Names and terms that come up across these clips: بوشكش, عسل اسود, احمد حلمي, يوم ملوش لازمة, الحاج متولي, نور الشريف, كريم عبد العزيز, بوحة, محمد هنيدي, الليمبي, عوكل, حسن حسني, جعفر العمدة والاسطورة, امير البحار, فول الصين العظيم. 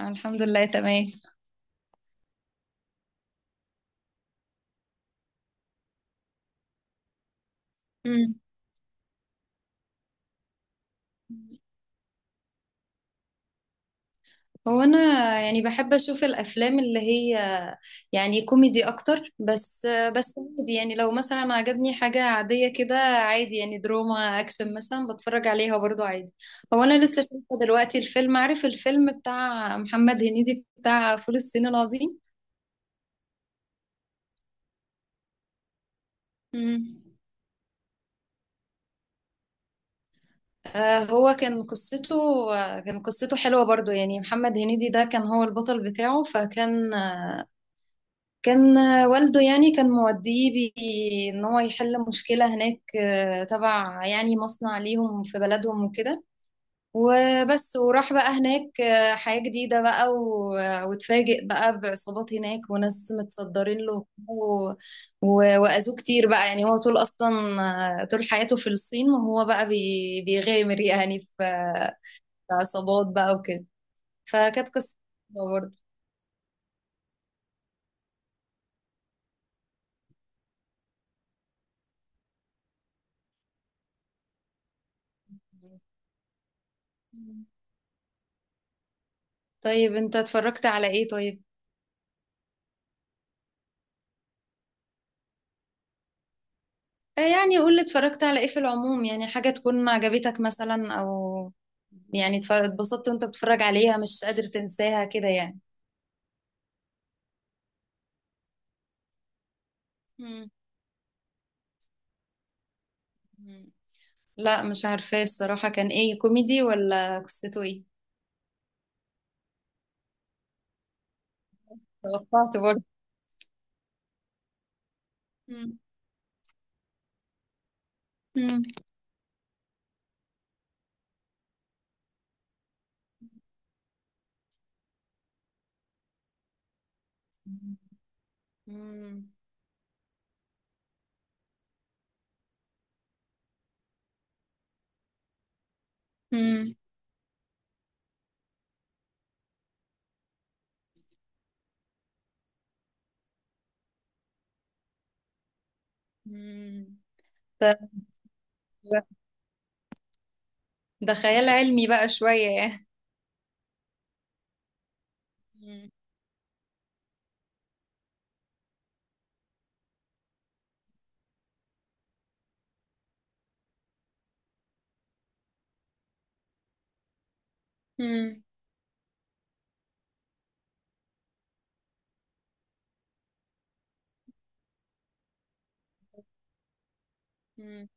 أنا الحمد لله تمام. مم. انا بحب اشوف الافلام اللي هي كوميدي اكتر. بس عادي، يعني لو مثلا عجبني حاجة عادية كده، عادي يعني دراما اكشن مثلا بتفرج عليها برضو عادي. انا لسه شايفة دلوقتي الفيلم، عارف الفيلم بتاع محمد هنيدي بتاع فول الصين العظيم؟ مم. آه، هو كان قصته آه، كان قصته حلوة برضو. يعني محمد هنيدي ده كان هو البطل بتاعه. فكان كان والده كان موديه ان هو يحل مشكلة هناك، تبع يعني مصنع ليهم في بلدهم وكده. وبس وراح بقى هناك، حياة جديدة بقى واتفاجئ بقى بعصابات هناك وناس متصدرين له وأذوه كتير بقى. يعني هو طول أصلا طول حياته في الصين، وهو بقى بيغامر يعني في في عصابات بقى وكده. فكانت قصة برضه. طيب انت اتفرجت على ايه طيب؟ يعني قول لي اتفرجت على ايه في العموم، يعني حاجة تكون عجبتك مثلا او يعني اتبسطت وانت بتتفرج عليها، مش قادر تنساها كده يعني. مم. مم. لا مش عارفة الصراحة كان ايه، كوميدي ولا قصته ايه؟ توقعت برضه. مم. مم. مم. مم. مم. ده ده خيال علمي بقى شوية يعني. مم. مم. مم.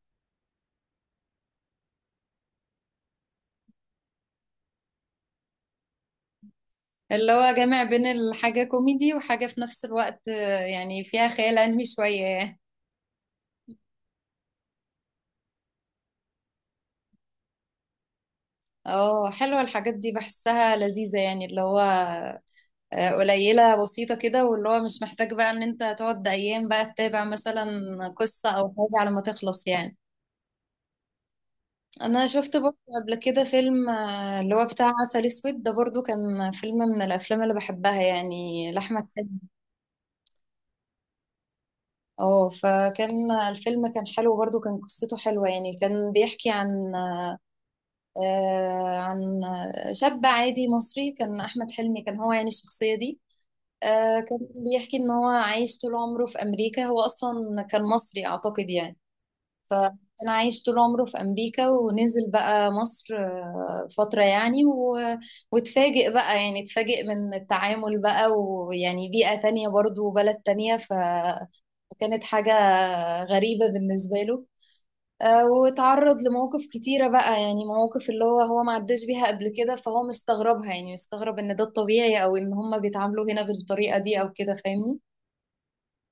اللي هو جامع بين الحاجة كوميدي وحاجة في نفس الوقت، يعني فيها خيال علمي شوية يعني. اه حلوة الحاجات دي، بحسها لذيذة يعني. اللي هو قليلة بسيطة كده، واللي هو مش محتاج بقى ان انت تقعد ايام بقى تتابع مثلا قصة او حاجة على ما تخلص يعني. انا شفت برضه قبل كده فيلم اللي هو بتاع عسل اسود. ده برضه كان فيلم من الافلام اللي بحبها، يعني لاحمد حلمي. اه فكان الفيلم كان حلو برضه، كان قصته حلوة. يعني كان بيحكي عن عن شاب عادي مصري. كان احمد حلمي كان هو يعني الشخصية دي. آه كان بيحكي ان هو عايش طول عمره في امريكا، هو اصلا كان مصري اعتقد يعني. كان عايش طول عمره في امريكا ونزل بقى مصر فترة يعني واتفاجئ بقى. يعني اتفاجئ من التعامل بقى ويعني بيئة تانية برضو وبلد تانية فكانت حاجة غريبة بالنسبة له. واتعرض لمواقف كتيرة بقى، يعني مواقف اللي هو ما عداش بيها قبل كده، فهو مستغربها. يعني مستغرب ان ده الطبيعي او ان هما بيتعاملوا هنا بالطريقة دي او كده، فاهمني.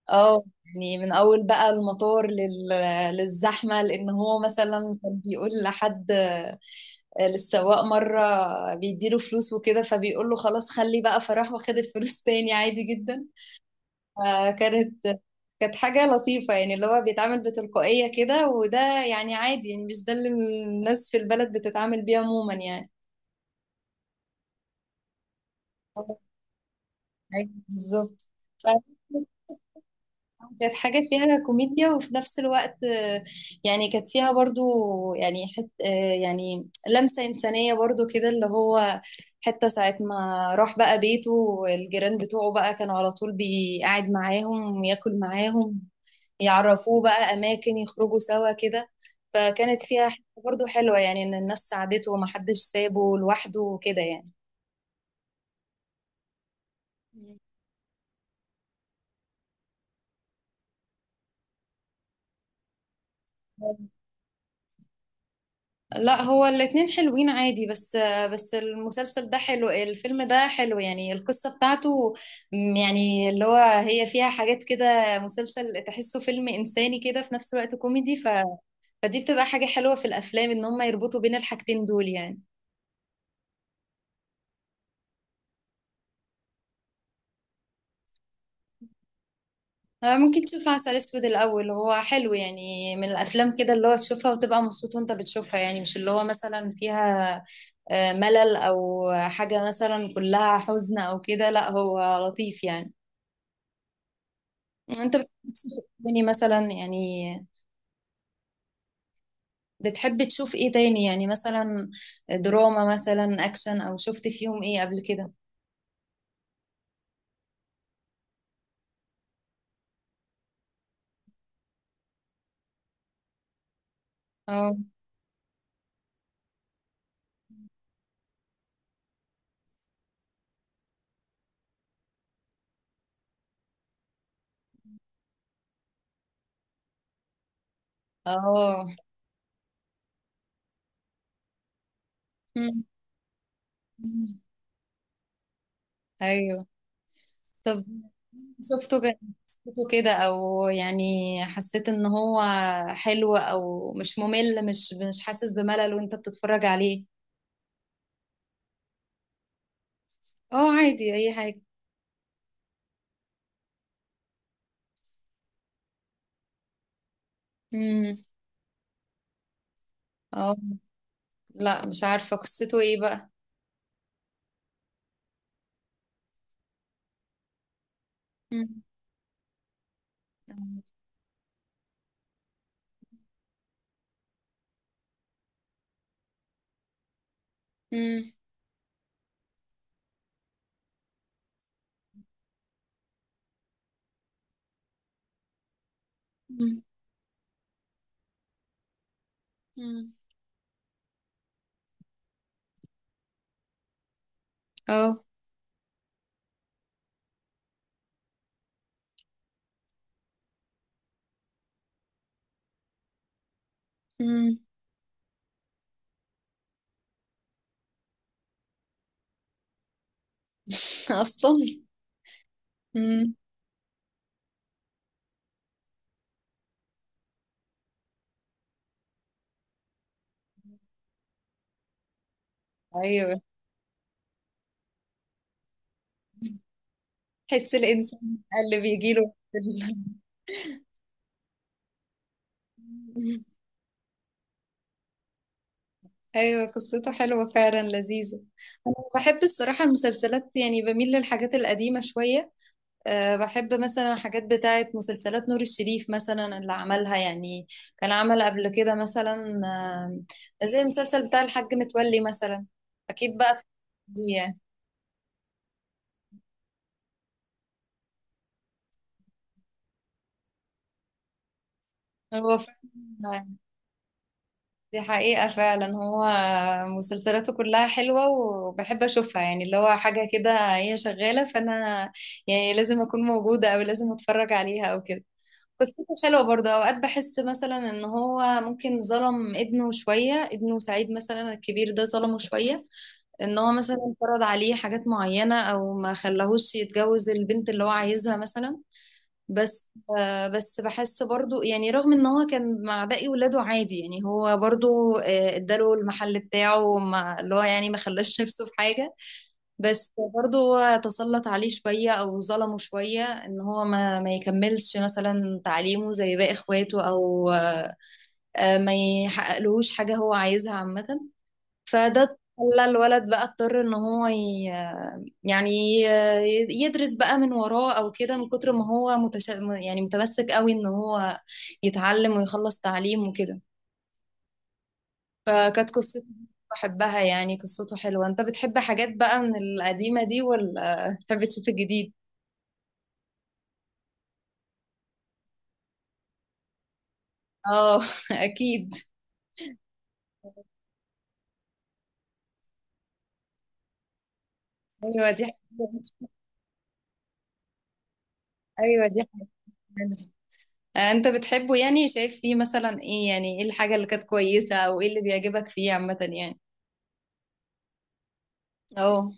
اه يعني من اول بقى المطار للزحمه. لان هو مثلا كان بيقول لحد للسواق مره بيديله فلوس وكده، فبيقول له خلاص خلي بقى، فراح واخد الفلوس تاني عادي جدا. فكانت حاجه لطيفه، يعني اللي هو بيتعامل بتلقائيه كده، وده يعني عادي. يعني مش ده اللي الناس في البلد بتتعامل بيه عموما يعني. أيوة، بالظبط. كانت حاجة فيها كوميديا، وفي نفس الوقت يعني كانت فيها برضو يعني حت آه، يعني لمسة إنسانية برضو كده. اللي هو حتى ساعة ما راح بقى بيته، والجيران بتوعه بقى كانوا على طول بيقعد معاهم ياكل معاهم، يعرفوه بقى أماكن يخرجوا سوا كده. فكانت فيها حتة برضو حلوة، يعني إن الناس ساعدته ومحدش سابه لوحده وكده يعني. لا هو الاتنين حلوين عادي. بس المسلسل ده حلو، الفيلم ده حلو. يعني القصة بتاعته يعني اللي هو هي فيها حاجات كده، مسلسل تحسه فيلم إنساني كده في نفس الوقت كوميدي فدي بتبقى حاجة حلوة في الأفلام، إن هم يربطوا بين الحاجتين دول يعني. ممكن تشوف عسل أسود الأول، هو حلو. يعني من الأفلام كده اللي هو تشوفها وتبقى مبسوط وأنت بتشوفها، يعني مش اللي هو مثلا فيها ملل أو حاجة مثلا كلها حزن أو كده. لا هو لطيف يعني. انت بتحب تشوف إيه تاني مثلا يعني؟ بتحب تشوف ايه تاني يعني؟ مثلا دراما مثلا اكشن، او شفت فيهم ايه قبل كده؟ اه اه. مم. ايوو. طب شفته ك- شفته كده او يعني حسيت ان هو حلو او مش ممل، مش حاسس بملل وانت بتتفرج عليه؟ اه عادي اي حاجة. امم. اه لا مش عارفة قصته ايه بقى. امم. امم. امم. اه. أصلا. امم. أيوه تحس الإنسان اللي بيجيله أيوه قصته حلوة فعلا لذيذة. أنا بحب الصراحة المسلسلات، يعني بميل للحاجات القديمة شوية. أه بحب مثلا حاجات بتاعة مسلسلات نور الشريف مثلا اللي عملها يعني. كان عمل قبل كده مثلا زي المسلسل بتاع الحاج متولي مثلا. أكيد بقى دي يعني. هو فعلا، دي حقيقة فعلا. هو مسلسلاته كلها حلوة وبحب أشوفها، يعني اللي هو حاجة كده هي شغالة فأنا يعني لازم أكون موجودة أو لازم أتفرج عليها أو كده. قصته حلوة برضه. أوقات بحس مثلا إن هو ممكن ظلم ابنه شوية، ابنه سعيد مثلا الكبير ده ظلمه شوية. إن هو مثلا فرض عليه حاجات معينة أو ما خلاهوش يتجوز البنت اللي هو عايزها مثلا. بس بحس برضو يعني رغم ان هو كان مع باقي ولاده عادي. يعني هو برضو اداله المحل بتاعه، ما اللي هو يعني ما خلاش نفسه في حاجة. بس برضو هو تسلط عليه شوية او ظلمه شوية، ان هو ما يكملش مثلا تعليمه زي باقي اخواته او ما يحققلهوش حاجة هو عايزها عامة. فده خلى الولد بقى اضطر ان يعني يدرس بقى من وراه او كده، من كتر ما هو يعني متمسك قوي ان هو يتعلم ويخلص تعليم وكده. فكانت قصته دي بحبها يعني، قصته حلوة. انت بتحب حاجات بقى من القديمة دي ولا بتحب تشوف الجديد؟ اه. اكيد. ايوه دي حاجة. ايوه دي حاجة. انت بتحبه يعني؟ شايف فيه مثلا ايه؟ يعني ايه الحاجة اللي كانت كويسة او ايه اللي بيعجبك فيه عامة يعني؟ اه.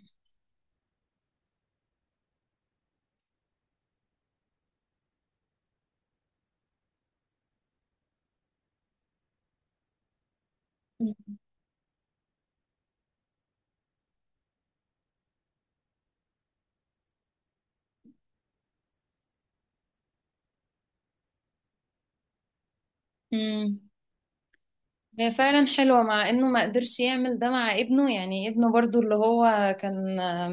امم. هي فعلا حلوة، مع انه ما قدرش يعمل ده مع ابنه. يعني ابنه برضو اللي هو كان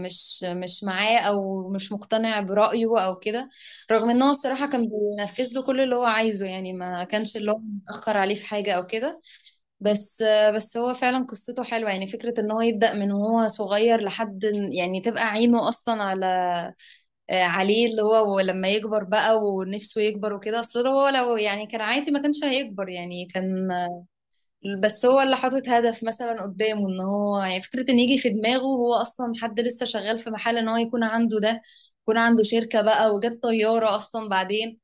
مش معاه او مش مقتنع برأيه او كده، رغم ان هو الصراحة كان بينفذ له كل اللي هو عايزه. يعني ما كانش اللي هو متأخر عليه في حاجة او كده. بس هو فعلا قصته حلوة. يعني فكرة ان هو يبدأ من وهو صغير لحد يعني تبقى عينه اصلا على عليه اللي هو لما يكبر بقى ونفسه يكبر وكده. اصل هو لو يعني كان عادي ما كانش هيكبر يعني كان. بس هو اللي حاطط هدف مثلا قدامه، ان هو يعني فكرة ان يجي في دماغه، هو اصلا حد لسه شغال في محل، ان هو يكون عنده ده، يكون عنده شركة بقى وجاب طيارة اصلا بعدين.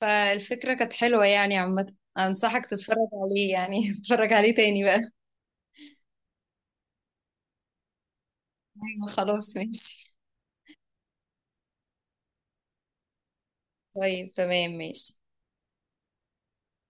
فالفكرة كانت حلوة يعني. عامة انصحك تتفرج عليه يعني. تتفرج عليه تاني بقى. أيوة، خلاص ماشي. طيب تمام ماشي.